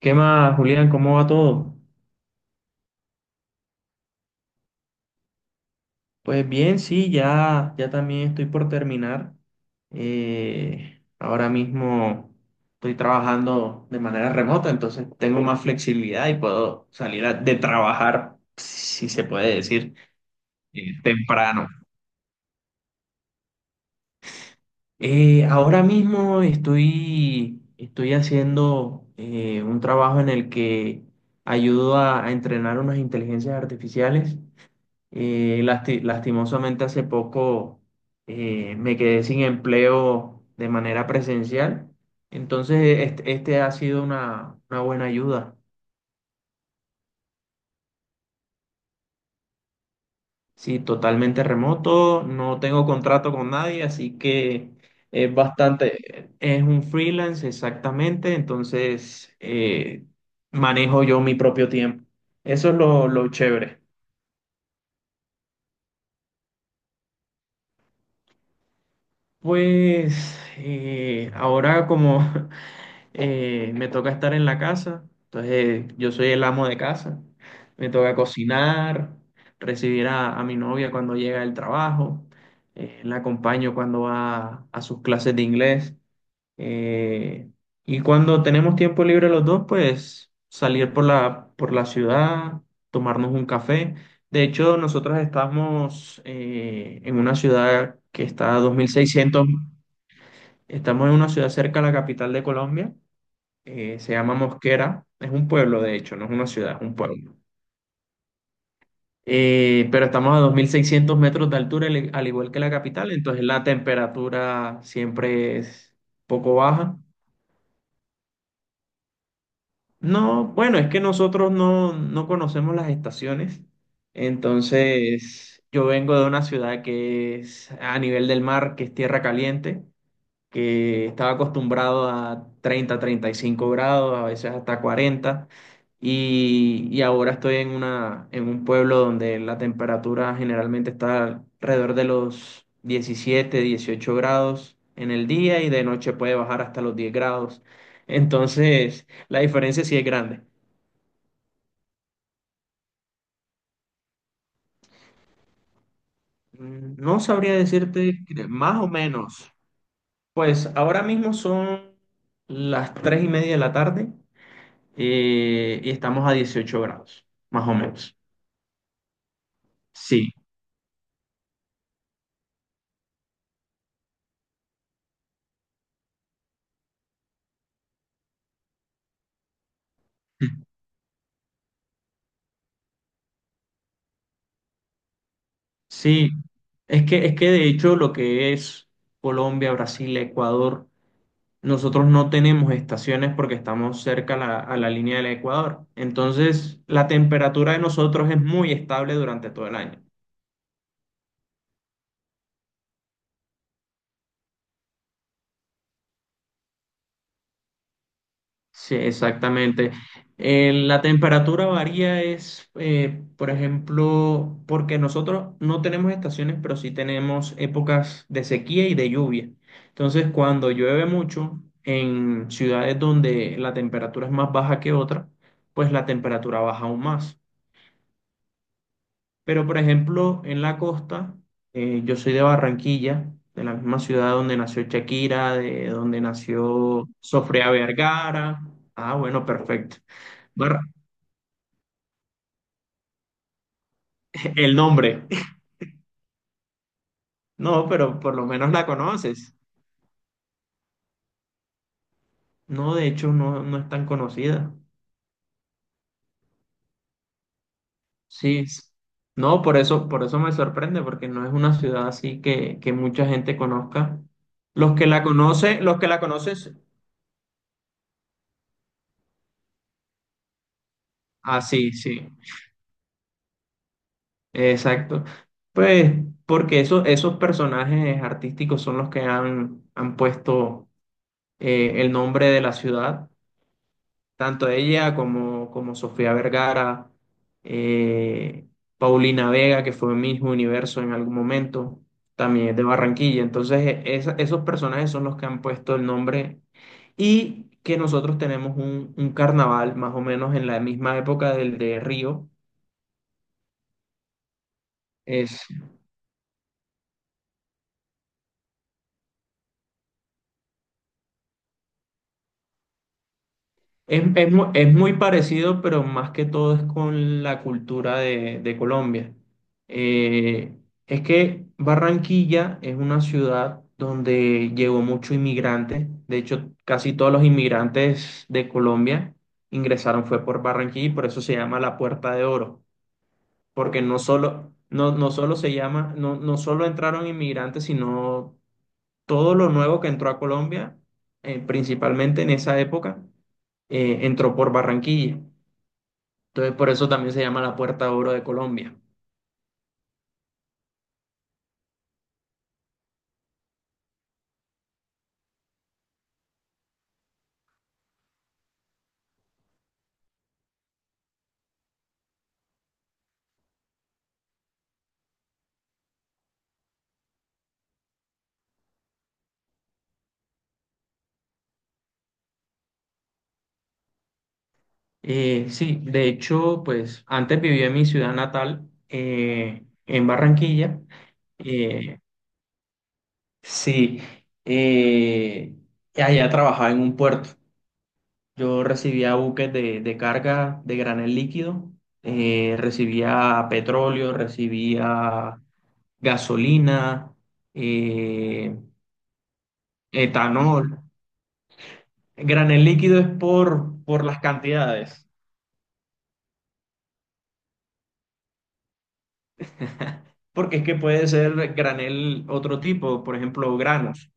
¿Qué más, Julián? ¿Cómo va todo? Pues bien, sí, ya también estoy por terminar. Ahora mismo estoy trabajando de manera remota, entonces tengo más flexibilidad y puedo de trabajar, si se puede decir, temprano. Ahora mismo estoy haciendo un trabajo en el que ayudo a entrenar unas inteligencias artificiales. Lastimosamente hace poco me quedé sin empleo de manera presencial. Entonces, este ha sido una buena ayuda. Sí, totalmente remoto, no tengo contrato con nadie, así que es bastante, es un freelance exactamente, entonces manejo yo mi propio tiempo. Eso es lo chévere. Pues ahora como me toca estar en la casa, entonces yo soy el amo de casa, me toca cocinar, recibir a mi novia cuando llega del trabajo, la acompaño cuando va a sus clases de inglés. Eh, y cuando tenemos tiempo libre los dos, pues salir por por la ciudad, tomarnos un café. De hecho, nosotros estamos en una ciudad que está a 2.600. Estamos en una ciudad cerca a la capital de Colombia, se llama Mosquera, es un pueblo de hecho, no es una ciudad, es un pueblo. Pero estamos a 2.600 metros de altura, al igual que la capital, entonces la temperatura siempre es poco baja. No, bueno, es que nosotros no conocemos las estaciones, entonces yo vengo de una ciudad que es a nivel del mar, que es tierra caliente, que estaba acostumbrado a 30, 35 grados, a veces hasta 40, y ahora estoy en una, en un pueblo donde la temperatura generalmente está alrededor de los 17, 18 grados en el día y de noche puede bajar hasta los 10 grados. Entonces, la diferencia sí es grande. No sabría decirte más o menos. Pues ahora mismo son las 3:30 de la tarde y estamos a 18 grados, más o menos. Sí, sí. Es que de hecho lo que es Colombia, Brasil, Ecuador, nosotros no tenemos estaciones porque estamos cerca a a la línea del Ecuador. Entonces, la temperatura de nosotros es muy estable durante todo el año. Sí, exactamente. La temperatura varía es, por ejemplo, porque nosotros no tenemos estaciones, pero sí tenemos épocas de sequía y de lluvia. Entonces, cuando llueve mucho en ciudades donde la temperatura es más baja que otra, pues la temperatura baja aún más. Pero, por ejemplo, en la costa, yo soy de Barranquilla, de la misma ciudad donde nació Shakira, de donde nació Sofía Vergara. Ah, bueno, perfecto. Bar- el nombre. No, pero por lo menos la conoces. No, de hecho, no es tan conocida. Sí. No, por eso me sorprende, porque no es una ciudad así que mucha gente conozca. Los que la conocen, los que la conoces, ah, sí, sí, exacto. Pues porque eso, esos personajes artísticos son los que han puesto el nombre de la ciudad tanto ella como Sofía Vergara, eh, Paulina Vega, que fue Miss Universo en algún momento, también es de Barranquilla. Entonces, esos personajes son los que han puesto el nombre y que nosotros tenemos un carnaval más o menos en la misma época del de Río. Es muy parecido, pero más que todo es con la cultura de Colombia. Eh, es que Barranquilla es una ciudad donde llegó mucho inmigrante. De hecho, casi todos los inmigrantes de Colombia ingresaron fue por Barranquilla y por eso se llama la Puerta de Oro. Porque no solo, no solo se llama, no solo entraron inmigrantes, sino todo lo nuevo que entró a Colombia, principalmente en esa época entró por Barranquilla. Entonces, por eso también se llama la Puerta de Oro de Colombia. Sí, de hecho, pues antes viví en mi ciudad natal, en Barranquilla. Eh, sí, eh, allá trabajaba en un puerto. Yo recibía buques de carga de granel líquido, recibía petróleo, recibía gasolina, eh, etanol. Granel líquido es por, las cantidades, porque es que puede ser granel otro tipo, por ejemplo, granos.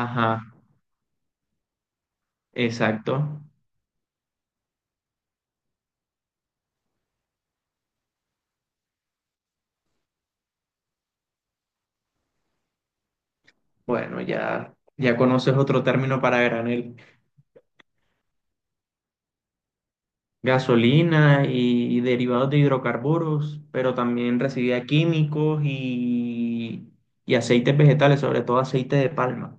Ajá, exacto. Bueno, ya conoces otro término para granel. Gasolina y derivados de hidrocarburos, pero también recibía químicos y aceites vegetales, sobre todo aceite de palma.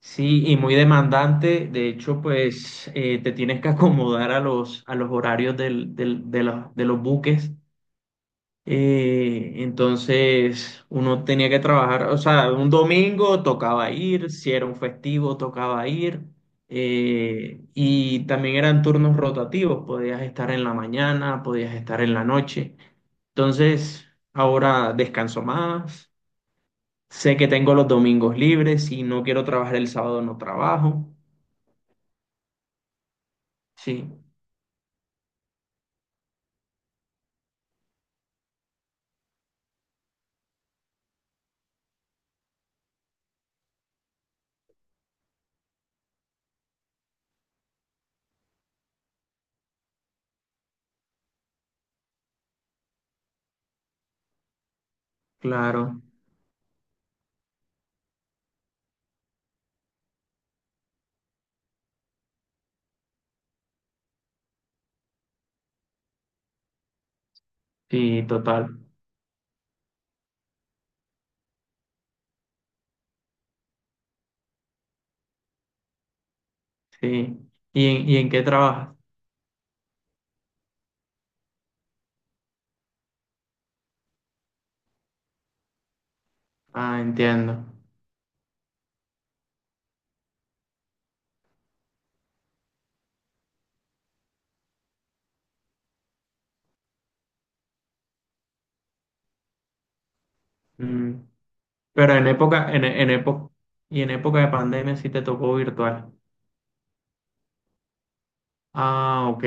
Sí, y muy demandante. De hecho, pues te tienes que acomodar a a los horarios de los buques. Entonces, uno tenía que trabajar, o sea, un domingo tocaba ir, si era un festivo tocaba ir. Y también eran turnos rotativos, podías estar en la mañana, podías estar en la noche. Entonces, ahora descanso más. Sé que tengo los domingos libres. Si no quiero trabajar el sábado, no trabajo. Sí, claro, sí, total, sí. ¿Y en qué trabajas? Ah, entiendo. Mm, Pero en época, en época, y en época de pandemia sí te tocó virtual. Ah, ok,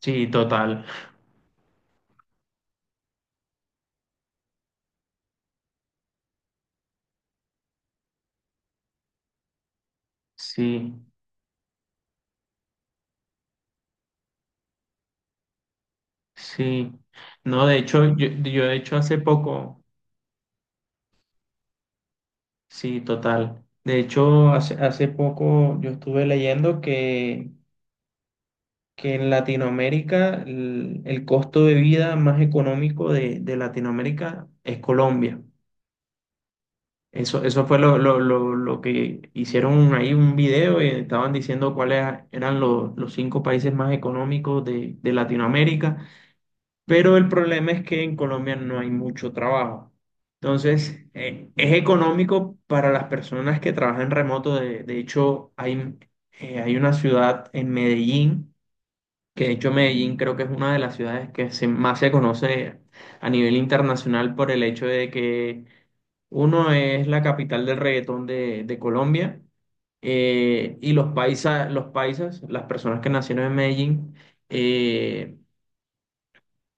sí, total, sí, sí. No, de hecho, yo de hecho hace poco, sí, total. De hecho, hace poco yo estuve leyendo que en Latinoamérica el costo de vida más económico de Latinoamérica es Colombia. Eso fue lo que hicieron ahí un video y estaban diciendo cuáles eran los cinco países más económicos de Latinoamérica, pero el problema es que en Colombia no hay mucho trabajo. Entonces, es económico para las personas que trabajan remoto. De hecho, hay, hay una ciudad en Medellín que de hecho Medellín creo que es una de las ciudades que más se conoce a nivel internacional por el hecho de que uno es la capital del reggaetón de Colombia, y los paisas, las personas que nacieron en Medellín, eh,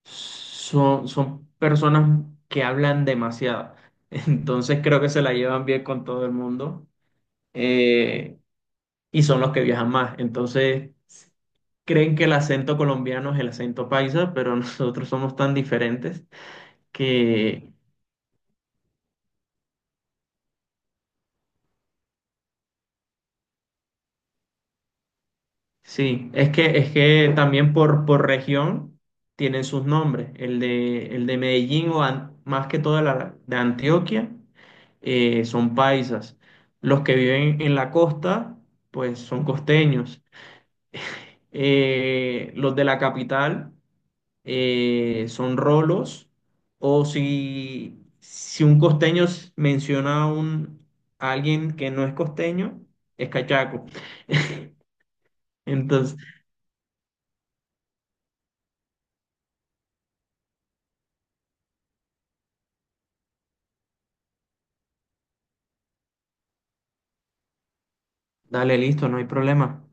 son, personas que hablan demasiado. Entonces creo que se la llevan bien con todo el mundo, eh, y son los que viajan más. Entonces creen que el acento colombiano es el acento paisa, pero nosotros somos tan diferentes que sí, es que también por región tienen sus nombres. El de Medellín o más que todo la de Antioquia son paisas. Los que viven en la costa, pues son costeños. Los de la capital, son rolos, o si un costeño menciona a alguien que no es costeño, es cachaco. Entonces, dale, listo, no hay problema.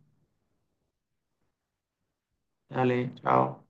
Dale, chao.